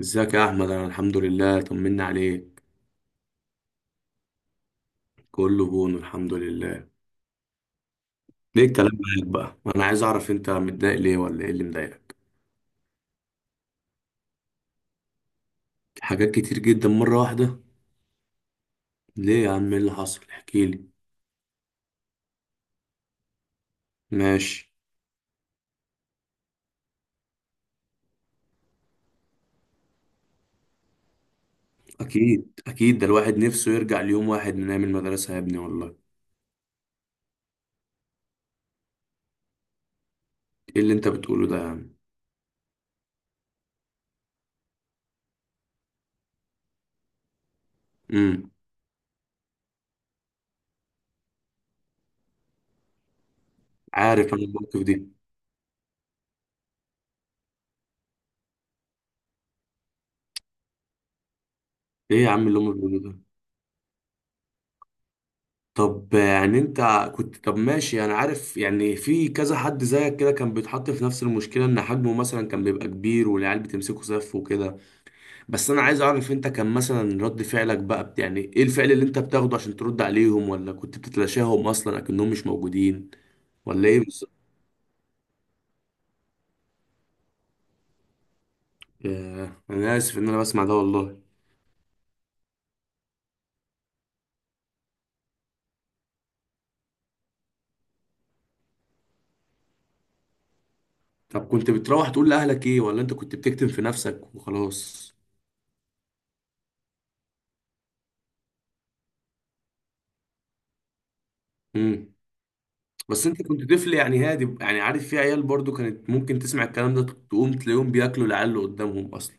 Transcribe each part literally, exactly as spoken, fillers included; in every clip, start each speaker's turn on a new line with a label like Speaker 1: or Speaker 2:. Speaker 1: ازيك يا احمد؟ انا الحمد لله، طمنا عليك. كله بون، الحمد لله. ليه الكلام معاك بقى، انا عايز اعرف انت متضايق ليه ولا ايه اللي مضايقك؟ حاجات كتير جدا مره واحده؟ ليه يا عم؟ ايه اللي حصل؟ احكي لي. ماشي. اكيد اكيد، ده الواحد نفسه يرجع ليوم واحد من ايام المدرسه يا ابني والله. ايه اللي انت بتقوله ده يا عم؟ امم. عارف انا الموقف دي. ايه يا عم اللي هم بيقولوه ده؟ طب يعني انت. كنت، طب ماشي، انا عارف يعني في كذا حد زيك كده كان بيتحط في نفس المشكله، ان حجمه مثلا كان بيبقى كبير والعيال بتمسكه سف وكده. بس انا عايز اعرف، انت كان مثلا رد فعلك بقى بت- يعني ايه الفعل اللي انت بتاخده عشان ترد عليهم، ولا كنت بتتلاشاهم اصلا اكنهم مش موجودين؟ ولا ايه بالظبط؟ ياه، انا اسف ان انا بسمع ده والله. طب كنت بتروح تقول لاهلك ايه، ولا انت كنت بتكتم في نفسك وخلاص؟ امم. بس انت كنت طفل يعني هادي، يعني عارف في عيال برضو كانت ممكن تسمع الكلام ده تقوم تلاقيهم بياكلوا العيال اللي قدامهم اصلا.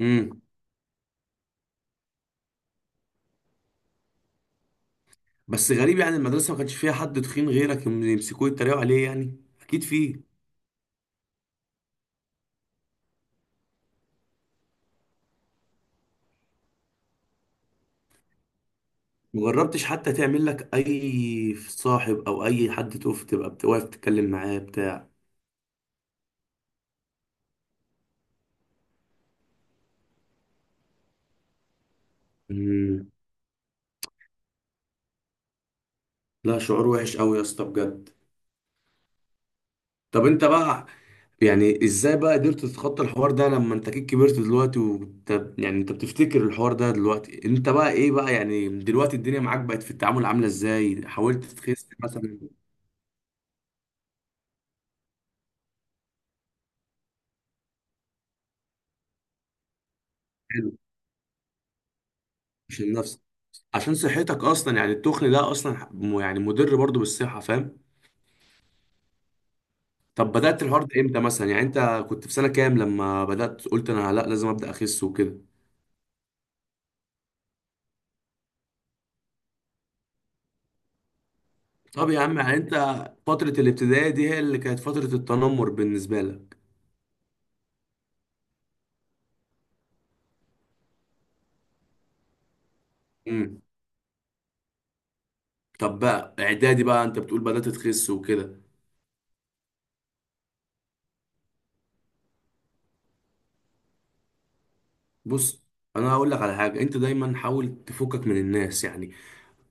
Speaker 1: امم. بس غريب، يعني المدرسه ما كانش فيها حد تخين غيرك يم- يمسكوه يتريقوا عليه يعني، اكيد فيه. مجربتش حتى تعمل لك اي صاحب او اي حد تقف، تبقى بتوقف تتكلم معاه بتاع؟ امم. لا، شعور وحش قوي يا اسطى بجد. طب انت بقى. يعني ازاي بقى قدرت تتخطى الحوار ده لما انت كده كبرت دلوقتي وانت، يعني انت بتفتكر الحوار ده دلوقتي، انت بقى ايه بقى؟ يعني دلوقتي الدنيا معاك بقت في التعامل عاملة ازاي؟ حاولت تخس مثلا؟ حلو. عشان نفسك. عشان صحتك اصلا، يعني التخن ده اصلا م- يعني مضر برضو بالصحة، فاهم. طب بدأت الحوار ده امتى مثلا يعني انت؟ كنت في سنة كام لما بدأت قلت انا لا لازم أبدأ اخس وكده؟ طب يا عم يعني انت، فترة الابتدائي دي هي اللي كانت فترة التنمر بالنسبة لك؟ امم. طب بقى اعدادي بقى انت بتقول بدأت تخس وكده. بص، انا هقول لك على حاجه، انت دايما حاول تفكك من الناس يعني.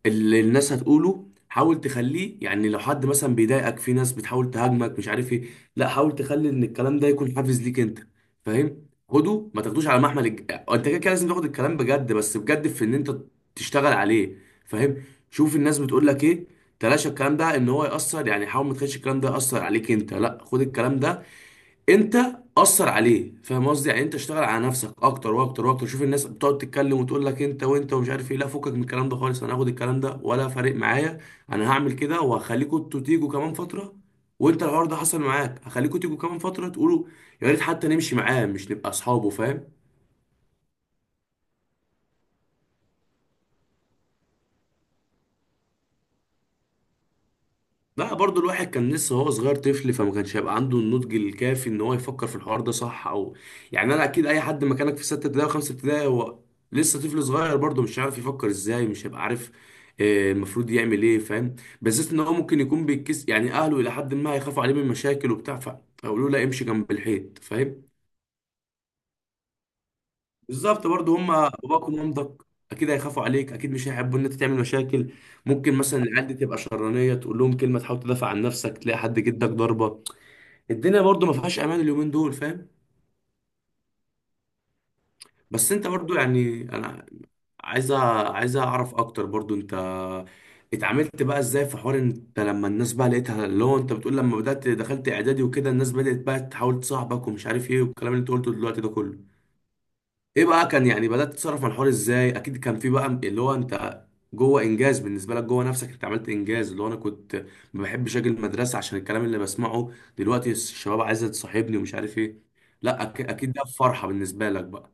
Speaker 1: اللي الناس هتقوله حاول تخليه، يعني لو حد مثلا بيضايقك، في ناس بتحاول تهاجمك مش عارف ايه، لا، حاول تخلي ان الكلام ده يكون حافز ليك انت. فاهم؟ خده، ما تاخدوش على محمل الج... انت كده كده لازم تاخد الكلام بجد، بس بجد، في ان انت تشتغل عليه. فاهم. شوف الناس بتقول لك ايه. تلاشى الكلام ده ان هو يأثر، يعني حاول ما تخليش الكلام ده يأثر عليك انت. لا، خد الكلام ده انت، اثر عليه. فاهم قصدي؟ يعني انت اشتغل على نفسك اكتر واكتر واكتر. شوف الناس بتقعد تتكلم وتقول لك انت وانت ومش عارف ايه، لا فكك من الكلام ده خالص. انا هاخد الكلام ده ولا فارق معايا. انا هعمل كده، وهخليكوا انتوا تيجوا كمان فتره. وانت الحوار ده حصل معاك، هخليكوا تيجوا كمان فتره تقولوا، يا ريت حتى نمشي معاه، مش نبقى اصحابه، فاهم؟ لا برضو الواحد كان لسه هو صغير طفل، فما كانش هيبقى عنده النضج الكافي ان هو يفكر في الحوار ده صح او، يعني انا اكيد اي حد مكانك في ستة ابتدائي وخمسة ابتدائي، هو لسه طفل صغير برضو، مش عارف يفكر ازاي، مش هيبقى عارف آه، المفروض يعمل ايه، فاهم. بالذات ان هو ممكن يكون بيتكس، يعني اهله الى حد ما هيخافوا عليه من مشاكل وبتاع، فيقولوا له لا، امشي جنب الحيط، فاهم. بالظبط، برضو هم باباك ومامتك، اكيد هيخافوا عليك، اكيد مش هيحبوا ان انت تعمل مشاكل. ممكن مثلا العيال دي تبقى شرانيه، تقول لهم كلمه تحاول تدافع عن نفسك، تلاقي حد جدك ضربه. الدنيا برضو ما فيهاش امان اليومين دول، فاهم. بس انت برضو يعني، انا عايز أ- عايز اعرف اكتر برضو، انت اتعاملت بقى ازاي في حوار انت لما الناس بقى لقيتها، اللي هو انت بتقول لما بدأت دخلت اعدادي وكده الناس بدأت بقى تحاول تصاحبك ومش عارف ايه والكلام اللي انت قلته دلوقتي ده كله، ايه بقى كان؟ يعني بدأت تتصرف مع الحوار ازاي؟ اكيد كان في بقى اللي هو انت جوه، انجاز بالنسبه لك جوه نفسك، انت عملت انجاز اللي هو: انا كنت ما بحبش اجي المدرسه عشان الكلام اللي بسمعه، دلوقتي الشباب عايزه تصاحبني ومش عارف ايه. لا أك- اكيد ده فرحه بالنسبه لك بقى.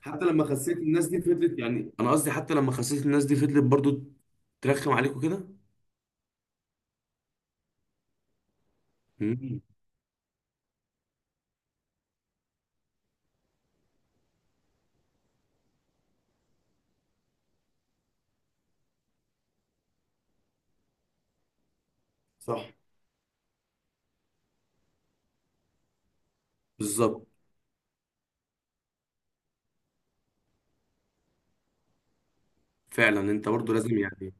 Speaker 1: حتى لما خسيت الناس دي فضلت، يعني انا قصدي، حتى لما خسيت الناس دي فضلت برضو ترخم عليك وكده؟ مم. صح. بالظبط. فعلا انت برضو لازم يعني،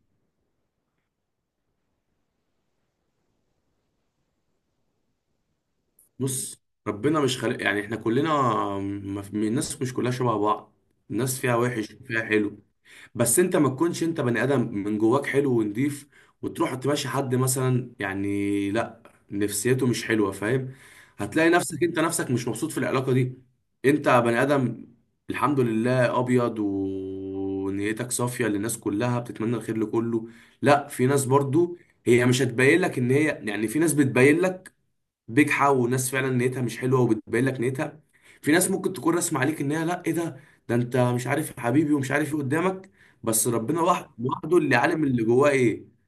Speaker 1: بص ربنا مش خالق يعني احنا كلنا، ما في- الناس مش كلها شبه بعض. الناس فيها وحش وفيها حلو. بس انت ما تكونش انت بني ادم من جواك حلو ونضيف، وتروح تماشي حد مثلا، يعني لا، نفسيته مش حلوه، فاهم. هتلاقي نفسك انت نفسك مش مبسوط في العلاقه دي. انت بني ادم الحمد لله، ابيض ونيتك صافيه للناس كلها، بتتمنى الخير لكله. لا، في ناس برضو هي مش هتبين لك ان هي، يعني في ناس بتبين لك بجحة، وناس فعلا نيتها مش حلوه وبتبين لك نيتها. في ناس ممكن تكون رسم عليك ان هي، لا، ايه ده، ده انت مش عارف يا حبيبي ومش عارف ايه قدامك. بس ربنا واحد وحده اللي عالم اللي جواه ايه.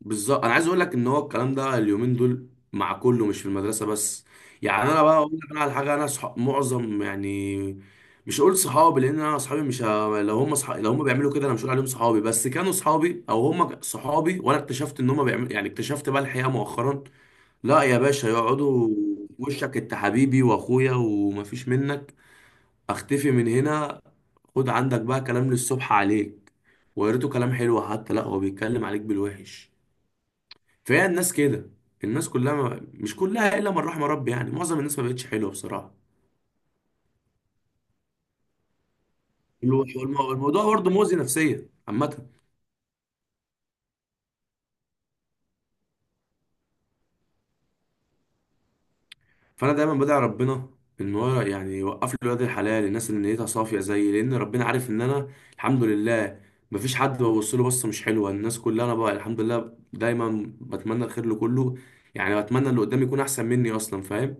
Speaker 1: بالظبط، انا عايز اقول لك ان هو الكلام ده اليومين دول مع كله، مش في المدرسه بس. يعني انا بقى اقول لك انا على حاجه، انا صح... معظم يعني، مش هقول صحابي لان انا اصحابي مش ه... لو هم صح... لو هم بيعملوا كده، انا مش هقول عليهم صحابي، بس كانوا صحابي او هم صحابي، وانا اكتشفت ان هم بيعملوا يعني، اكتشفت بقى الحقيقه مؤخرا. لا يا باشا، يقعدوا في وشك: انت حبيبي واخويا ومفيش منك، اختفي من هنا. خد عندك بقى كلام للصبح عليك، وقريته كلام حلو حتى، لا، هو بيتكلم عليك بالوحش. فهي الناس كده. الناس كلها، ما مش كلها الا من رحم ربي، يعني معظم الناس ما بقتش حلوه بصراحه. الو- الموضوع برضه مؤذي نفسيا عامه. فانا دايما بدعي ربنا ان هو يعني يوقف لي ولاد الحلال، الناس اللي نيتها صافيه زيي، لان ربنا عارف ان انا الحمد لله مفيش حد ببص له بصه مش حلوه الناس كلها، انا بقى الحمد لله دايما بتمنى الخير لكله. يعني بتمنى اللي قدامي يكون احسن مني اصلا، فاهم.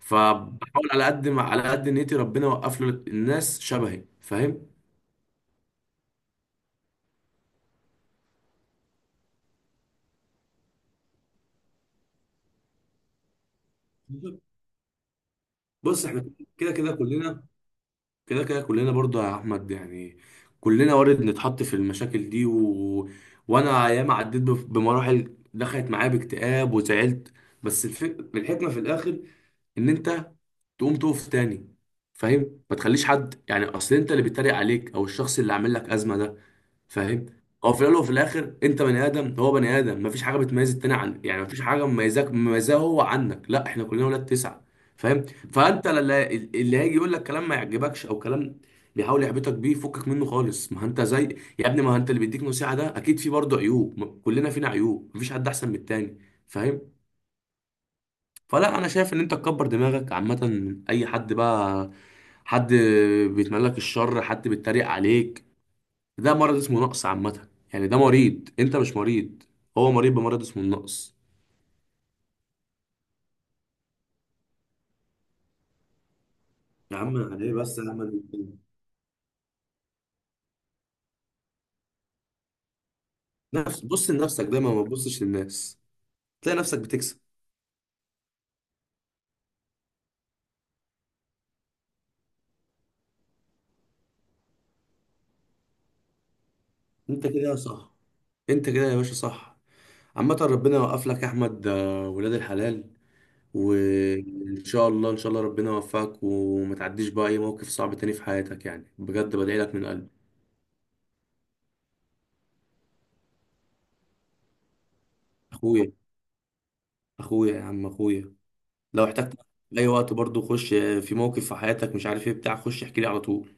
Speaker 1: فبحاول على قد ما، على قد نيتي، ربنا يوقف له الناس شبهي، فاهم. بص احنا كده كده كلنا، كده كده كلنا برضه يا احمد يعني، كلنا وارد نتحط في المشاكل دي و... وانا ايام عديت بف- بمراحل دخلت معايا باكتئاب وزعلت. بس الف... الحكمه في الاخر ان انت تقوم تقف تاني. فاهم؟ ما تخليش حد يعني اصل، انت اللي بيتريق عليك او الشخص اللي عامل لك ازمه ده، فاهم. هو في الاول وفي الاخر، انت بني ادم هو بني ادم، مفيش حاجه بتميز التاني عن يعني مفيش حاجه مميزاك مميزاه هو عنك، لا احنا كلنا ولاد تسعه. فاهم. فانت اللي, اللي هيجي يقول لك كلام ما يعجبكش او كلام بيحاول يحبطك بيه، فكك منه خالص، ما انت زي يا ابني، ما انت اللي بيديك نصيحه ده اكيد في برضه عيوب م- كلنا فينا عيوب، مفيش حد احسن من التاني. فاهم. فلا، انا شايف ان انت تكبر دماغك، عامه اي حد بقى، حد بيتمنى لك الشر، حد بيتريق عليك، ده مرض اسمه نقص عامة يعني، ده مريض، انت مش مريض، هو مريض بمرض اسمه النقص. يا عم، عليه بس يا عم. نفس، بص لنفسك دايما، ما تبصش للناس، تلاقي نفسك بتكسب. انت كده صح. انت كده يا باشا صح. عامة ربنا يوقف لك يا احمد آه، ولاد الحلال. وان شاء الله، ان شاء الله، ربنا يوفقك وما تعديش بقى اي موقف صعب تاني في حياتك، يعني بجد بدعي لك من قلبي. اخويا، اخويا يا عم اخويا. لو احتجت في اي وقت برضو، خش آه، في موقف في حياتك مش عارف ايه بتاع، خش احكي لي على طول.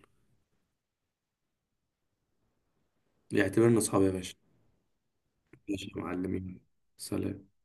Speaker 1: يعتبرنا اصحاب يا باشا. ماشي يا معلمين، سلام.